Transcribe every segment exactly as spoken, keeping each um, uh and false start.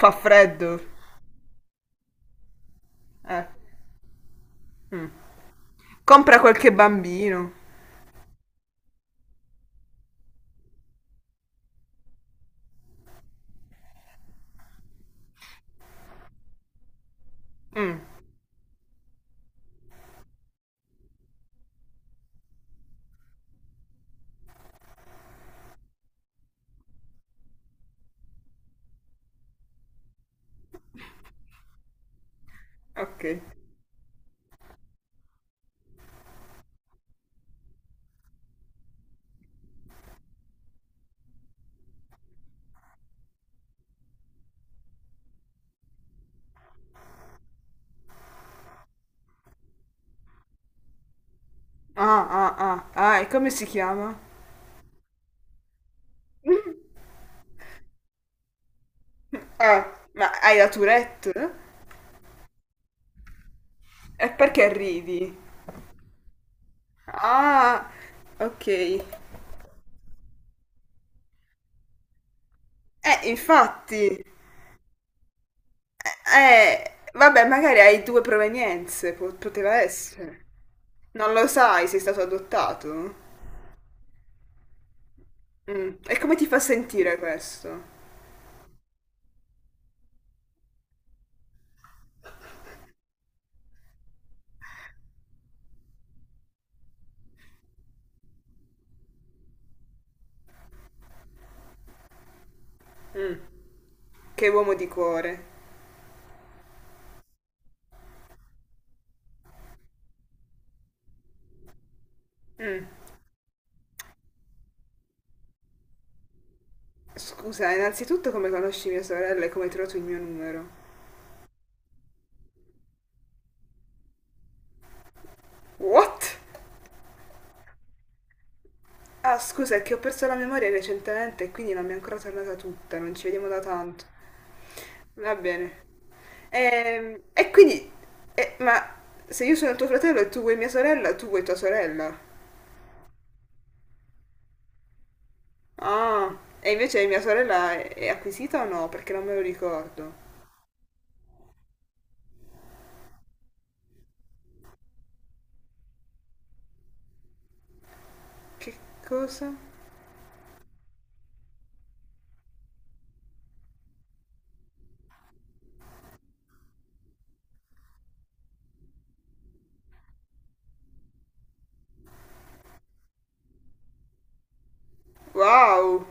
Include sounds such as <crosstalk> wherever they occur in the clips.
Fa freddo. Eh. Compra qualche bambino. Mm, ok. Ah, ah, ah. Ah, e come si chiama? Ah, ma hai la Tourette? E perché ridi? Ah, ok. Eh, infatti. Eh, vabbè, magari hai due provenienze. Po- poteva essere. Non lo sai, sei stato adottato? Mm. E come ti fa sentire questo? Che uomo di cuore. Mm. Scusa, innanzitutto come conosci mia sorella e come hai trovato il mio numero? What? Ah, scusa, è che ho perso la memoria recentemente e quindi non mi è ancora tornata tutta, non ci vediamo da tanto. Va bene. Ehm, E, quindi... e- Ma se io sono tuo fratello e tu vuoi mia sorella, tu vuoi tua sorella? Ah, e invece mia sorella è, è acquisita o no? Perché non me lo ricordo. Che cosa? Wow!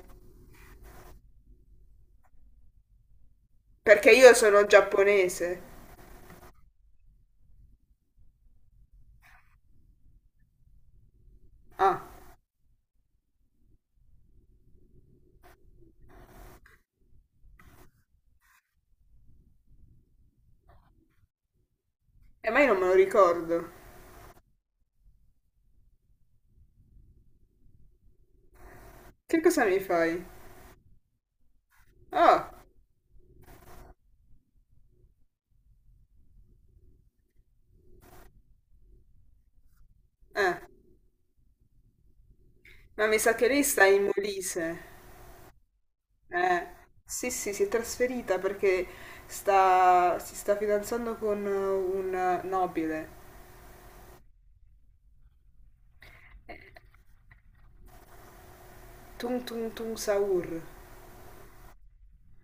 Perché io sono giapponese. Ah, e mai non me lo ricordo. Che cosa mi fai? Oh, eh, ma mi sa che lei sta in Molise. Eh, sì, sì, si è trasferita perché sta, si sta fidanzando con un nobile. Eh, Tung Tung Tung Saur.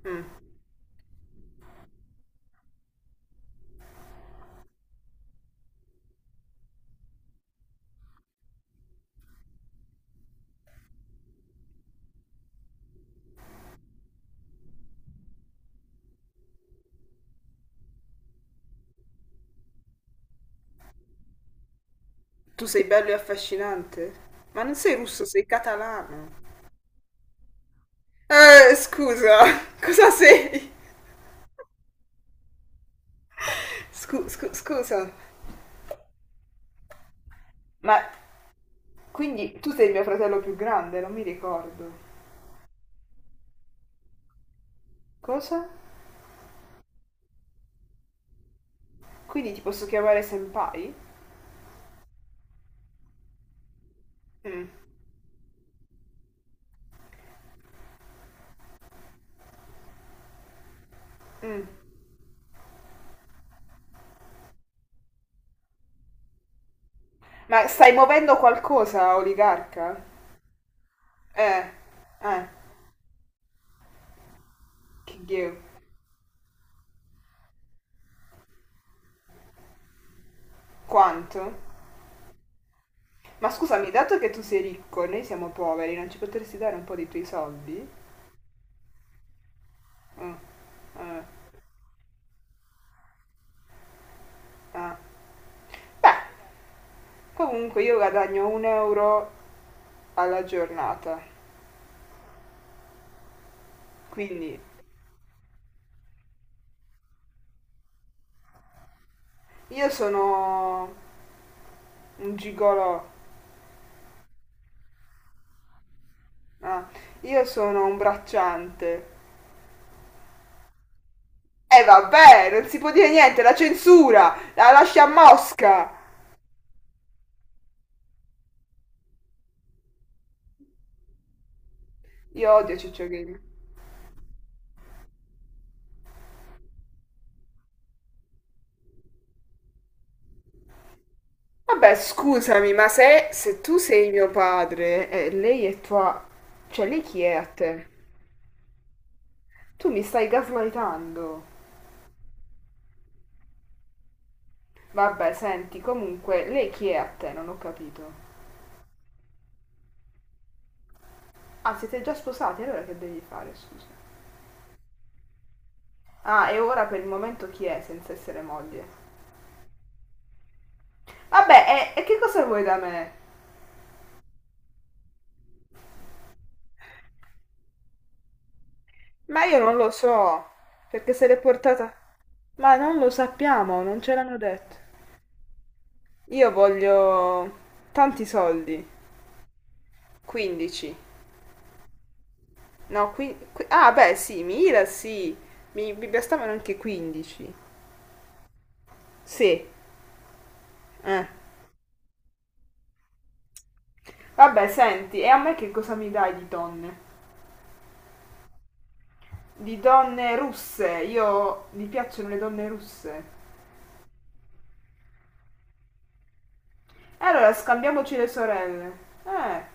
Mm. Tu sei bello e affascinante? Ma non sei russo, sei catalano. Eh, scusa, <laughs> cosa sei? Scu- scu- scusa. Ma quindi tu sei mio fratello più grande, non mi ricordo. Cosa? Quindi ti posso chiamare senpai? Mm. Mm. Ma stai muovendo qualcosa, oligarca? Eh, eh, che ghio. Quanto? Ma scusami, dato che tu sei ricco e noi siamo poveri, non ci potresti dare un po' dei tuoi soldi? Mm, eh, ah. Beh, comunque io guadagno un euro alla giornata. Quindi, io sono un gigolò. Ah, io sono un bracciante. E eh, vabbè, non si può dire niente, la censura! La lascia a Mosca! Io odio Ciccio Gaming. Vabbè, scusami, ma se, se tu sei mio padre e lei è tua... Cioè, lei chi è a te? Tu mi stai gaslightando. Vabbè, senti, comunque, lei chi è a te? Non ho capito. Ah, siete già sposati, allora che devi fare, scusa? Ah, e ora per il momento chi è senza essere moglie? Vabbè, e, e che cosa vuoi da me? Ma io non lo so, perché se l'è portata... Ma non lo sappiamo, non ce l'hanno detto. Io voglio tanti soldi. quindici. No, qui, qui- Ah, beh, sì, Mira, sì. Mi, mi bastavano anche quindici. Sì. Eh. Vabbè, senti, e a me che cosa mi dai di donne? Di donne russe. Io... Mi piacciono le donne russe. E allora, scambiamoci le sorelle. Eh.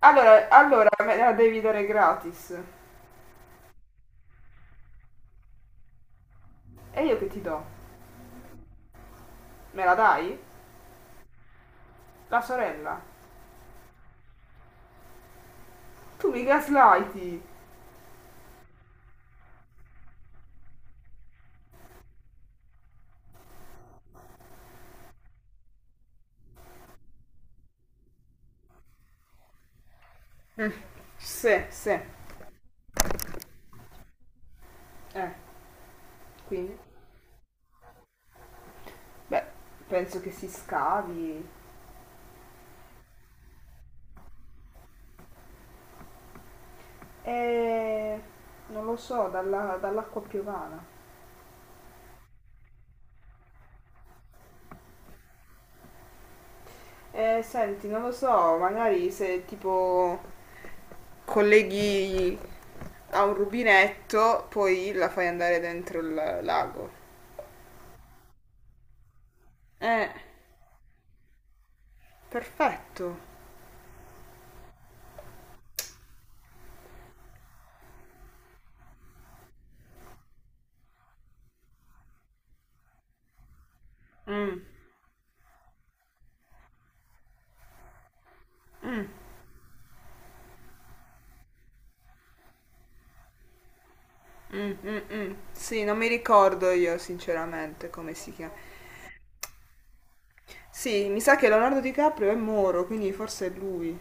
Allora, allora me la devi dare gratis. E io che ti do? Me la dai? La sorella. Tu mi gaslighti. Sì, sì. Eh, quindi? Beh, penso che si scavi. Eh, non lo so, dalla- dall'acqua piovana. Eh, senti, non lo so, magari se tipo colleghi a un rubinetto, poi la fai andare dentro il lago. Eh, perfetto. Mm, mm, mm, mm. Sì, non mi ricordo io sinceramente come si chiama. Sì, mi sa che Leonardo DiCaprio è Moro, quindi forse è lui.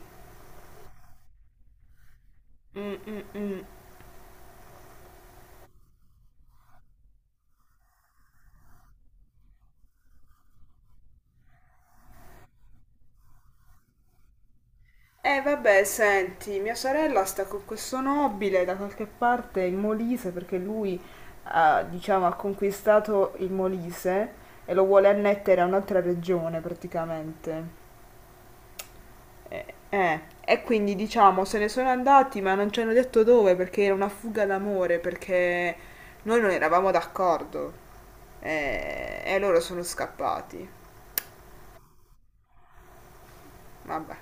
Mm, mm, mm. Eh vabbè, senti, mia sorella sta con questo nobile da qualche parte in Molise perché lui ha, diciamo, ha conquistato il Molise e lo vuole annettere a un'altra regione praticamente. Eh, eh, E quindi diciamo se ne sono andati ma non ci hanno detto dove perché era una fuga d'amore perché noi non eravamo d'accordo. Eh, e loro sono scappati. Vabbè.